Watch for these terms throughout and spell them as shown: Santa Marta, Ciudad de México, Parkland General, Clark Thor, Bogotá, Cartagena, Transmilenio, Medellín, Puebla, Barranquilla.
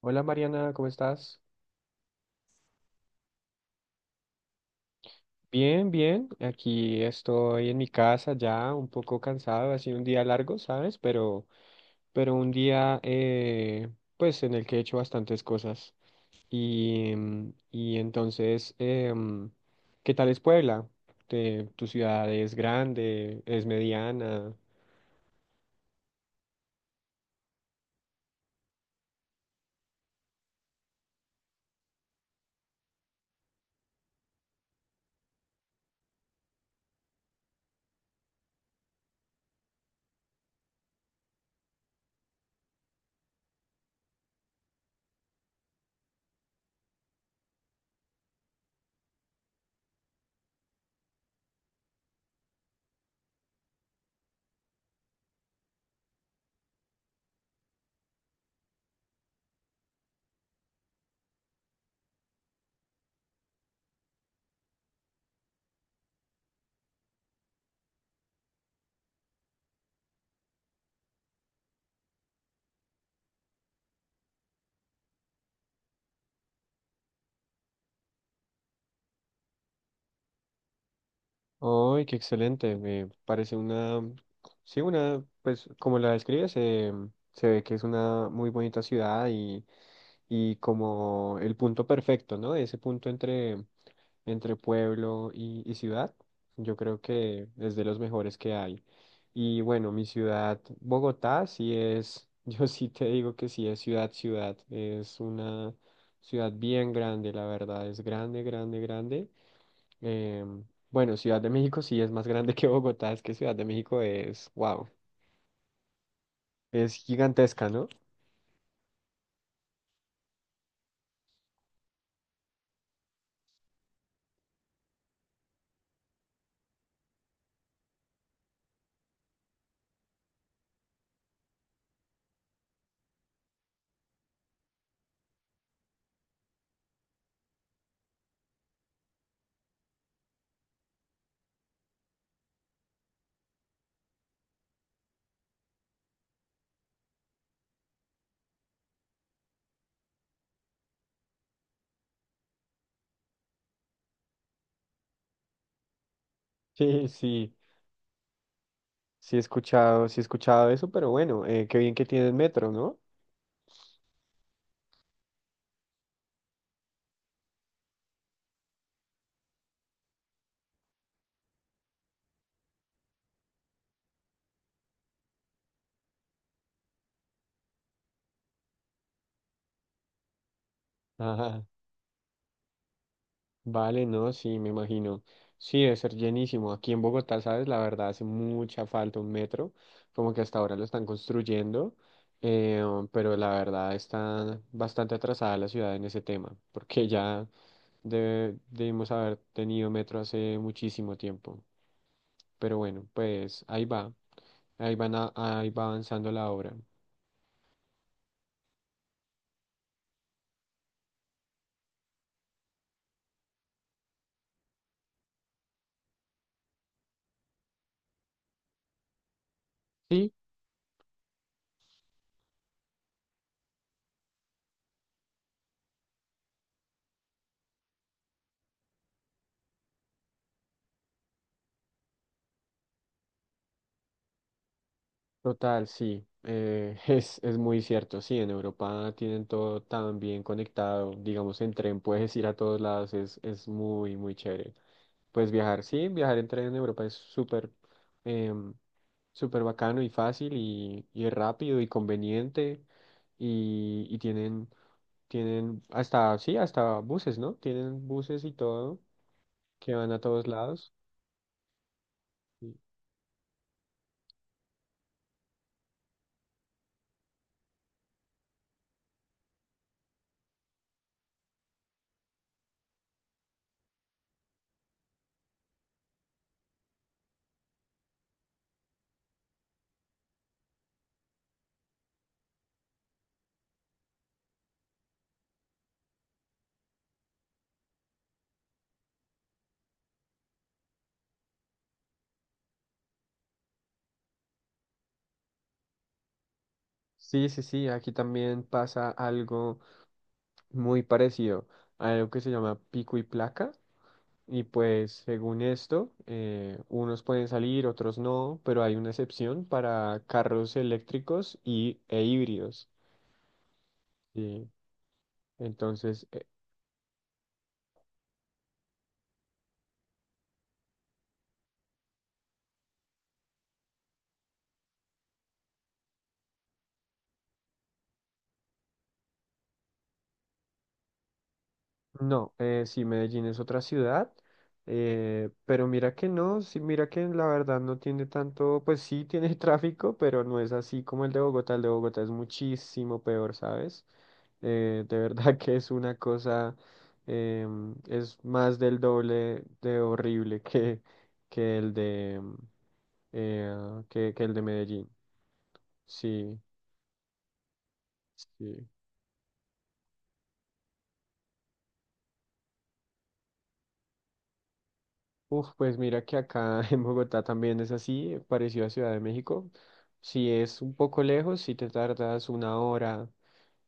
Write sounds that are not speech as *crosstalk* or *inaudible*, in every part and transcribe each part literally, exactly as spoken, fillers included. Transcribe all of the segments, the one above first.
Hola Mariana, ¿cómo estás? Bien, bien. Aquí estoy en mi casa ya, un poco cansado. Ha sido un día largo, ¿sabes? Pero, pero un día, eh, pues, en el que he hecho bastantes cosas. Y, mm, y entonces, em, ¿qué tal es Puebla? Te- ¿Tu ciudad es grande? ¿Es mediana? ¡Ay, qué excelente! Me parece una, sí, una, pues, como la describes, em, se ve que es una muy bonita ciudad y... y como el punto perfecto, ¿no? Ese punto entre, entre pueblo y, y ciudad, yo creo que es de los mejores que hay. Y bueno, mi ciudad, Bogotá, sí es, *laughs* yo sí te digo que sí es ciudad, ciudad, es una ciudad bien grande, la verdad, es grande, grande, grande. Em, bueno, Ciudad de México sí es más grande que Bogotá, es que Ciudad de México es, wow, es gigantesca, ¿no? *laughs* Sí, sí. Sí he escuchado, sí he escuchado eso, pero bueno, eh, qué bien que tienes metro, ¿no? Ajá, vale, no, sí, me imagino. Sí, debe ser llenísimo. Aquí en Bogotá, sabes, la verdad hace mucha falta un metro, como que hasta ahora lo están construyendo, eh, pero la verdad está bastante atrasada la ciudad en ese tema, porque ya debe- debimos haber tenido metro hace muchísimo tiempo. Pero bueno, pues ahí va, ahí van a- ahí va avanzando la obra. Sí, Total, sí, eh, *laughs* es, es muy cierto, sí, en Europa tienen todo tan bien conectado, digamos en tren puedes ir a todos lados, es, es muy, muy chévere. Pues viajar, sí, viajar en tren en Europa es súper em, súper bacano y fácil y, y rápido y conveniente y, y tienen, tienen hasta, sí, hasta buses, ¿no? Tienen buses y todo que van a todos lados. Sí, sí, sí, sí, aquí también pasa algo muy parecido a algo que se llama pico y placa. Y pues según esto, eh, unos pueden salir, otros no, pero hay una excepción para carros eléctricos y, e híbridos. ¿Sí? Entonces, no, eh, sí, Medellín es otra ciudad, eh, pero mira que no, sí, mira que la verdad no tiene tanto, pues sí tiene *laughs* tráfico, pero no es así como el de Bogotá. El de Bogotá es muchísimo peor, ¿sabes? Eh, de *laughs* verdad que es una cosa, em, es más del doble de horrible que, que el de, em, eh, que, que el de Medellín. Sí, sí. Uf, pues mira que acá *laughs* en Bogotá también es así, parecido a Ciudad de México. Si es un poco lejos, si te tardas una hora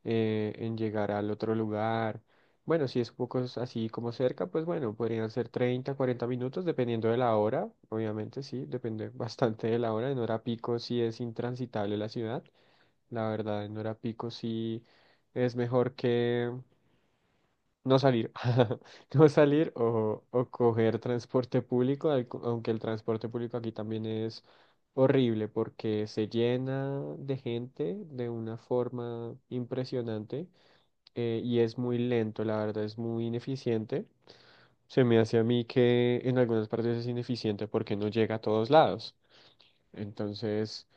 eh, en llegar al otro lugar. Bueno, si es un poco s- así como cerca, pues bueno, podrían ser treinta, cuarenta minutos, dependiendo de la hora. Obviamente, sí, depende *laughs* bastante de la hora. En hora pico sí es intransitable la ciudad. La verdad, en hora pico sí es mejor que no salir, *laughs* no salir o, o coger transporte público, al- aunque el transporte público aquí también es horrible porque se llena de gente de una forma impresionante, eh, y es muy lento, la verdad es muy ineficiente. Se me hace a mí que en algunas partes es ineficiente porque no llega a todos lados. Entonces,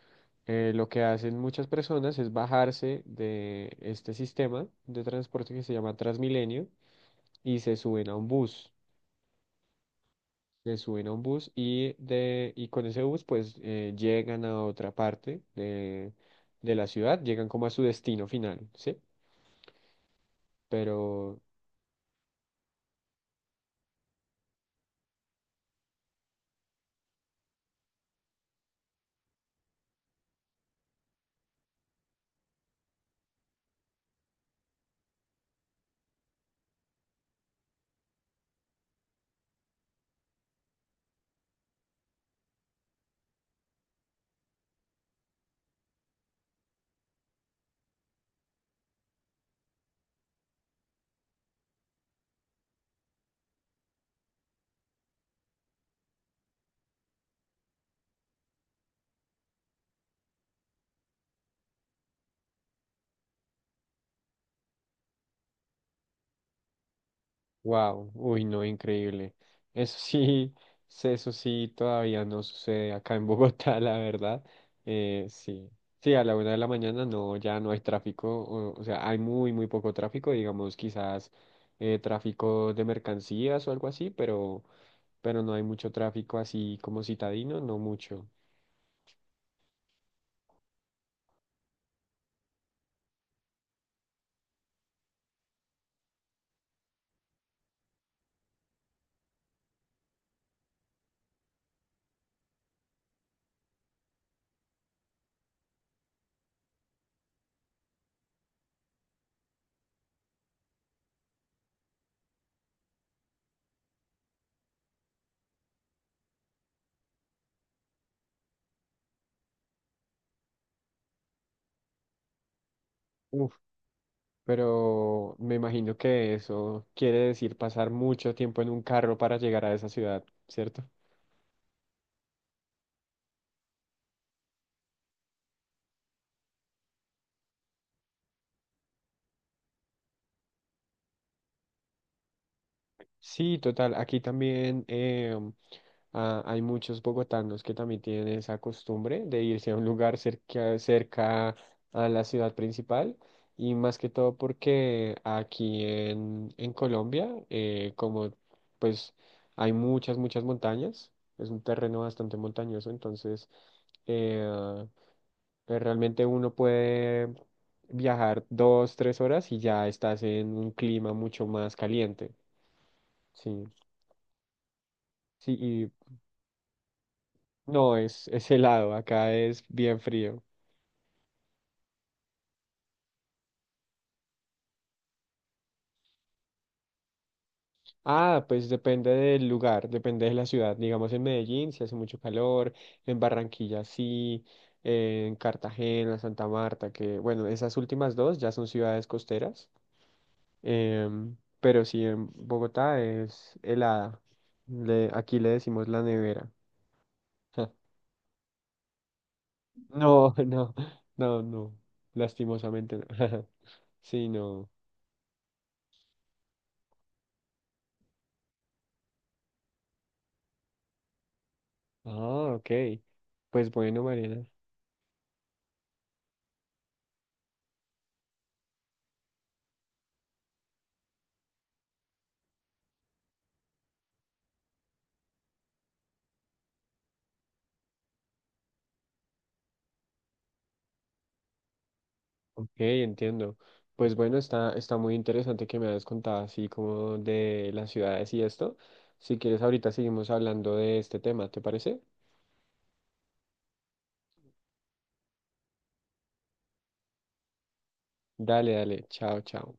eh, lo que hacen muchas personas es bajarse de este sistema de transporte que se llama Transmilenio y se suben a un bus. Se suben a un bus y, de, y con ese bus pues eh, llegan a otra parte de, de la ciudad, llegan como a su destino final, ¿sí? Pero, wow, uy, no, increíble. Eso sí, *laughs* se- eso sí todavía no sucede acá en *laughs* Bogotá, la verdad. Eh, sí. Sí, a la una de la mañana no, ya no hay tráfico, o, o sea, hay muy, muy poco tráfico, digamos, quizás eh, tráfico de mercancías o algo así, pero pero no hay mucho tráfico así como citadino, no mucho. Uf, pero me imagino que eso quiere decir pasar mucho tiempo en un carro para llegar a esa ciudad, ¿cierto? Sí, total. Aquí también em, ah, hay muchos bogotanos que también tienen esa costumbre de irse a un lugar cerca, cerca a la ciudad principal y más que todo porque aquí en, en Colombia, eh, como pues hay muchas, muchas montañas, es un terreno bastante montañoso, entonces eh, eh, realmente uno puede viajar dos, tres horas y ya estás en un clima mucho más caliente. Sí. Sí, y no, es, es helado, acá es bien frío. Ah, pues depende del lugar, depende de la ciudad. Digamos en Medellín si hace mucho calor, en Barranquilla sí, en Cartagena, Santa Marta, que bueno, esas últimas dos ya son ciudades costeras. em, pero sí, en Bogotá es helada. Le- aquí le decimos la nevera. *laughs* No, no, no, no, lastimosamente no. *laughs* Sí, no. Ah, ok. Pues bueno, Mariana. Ok, entiendo. Pues bueno, está, está muy interesante que me hayas contado así como de las ciudades y esto. Si quieres, ahorita seguimos hablando de este tema, ¿te parece? Dale, dale, chao, chao.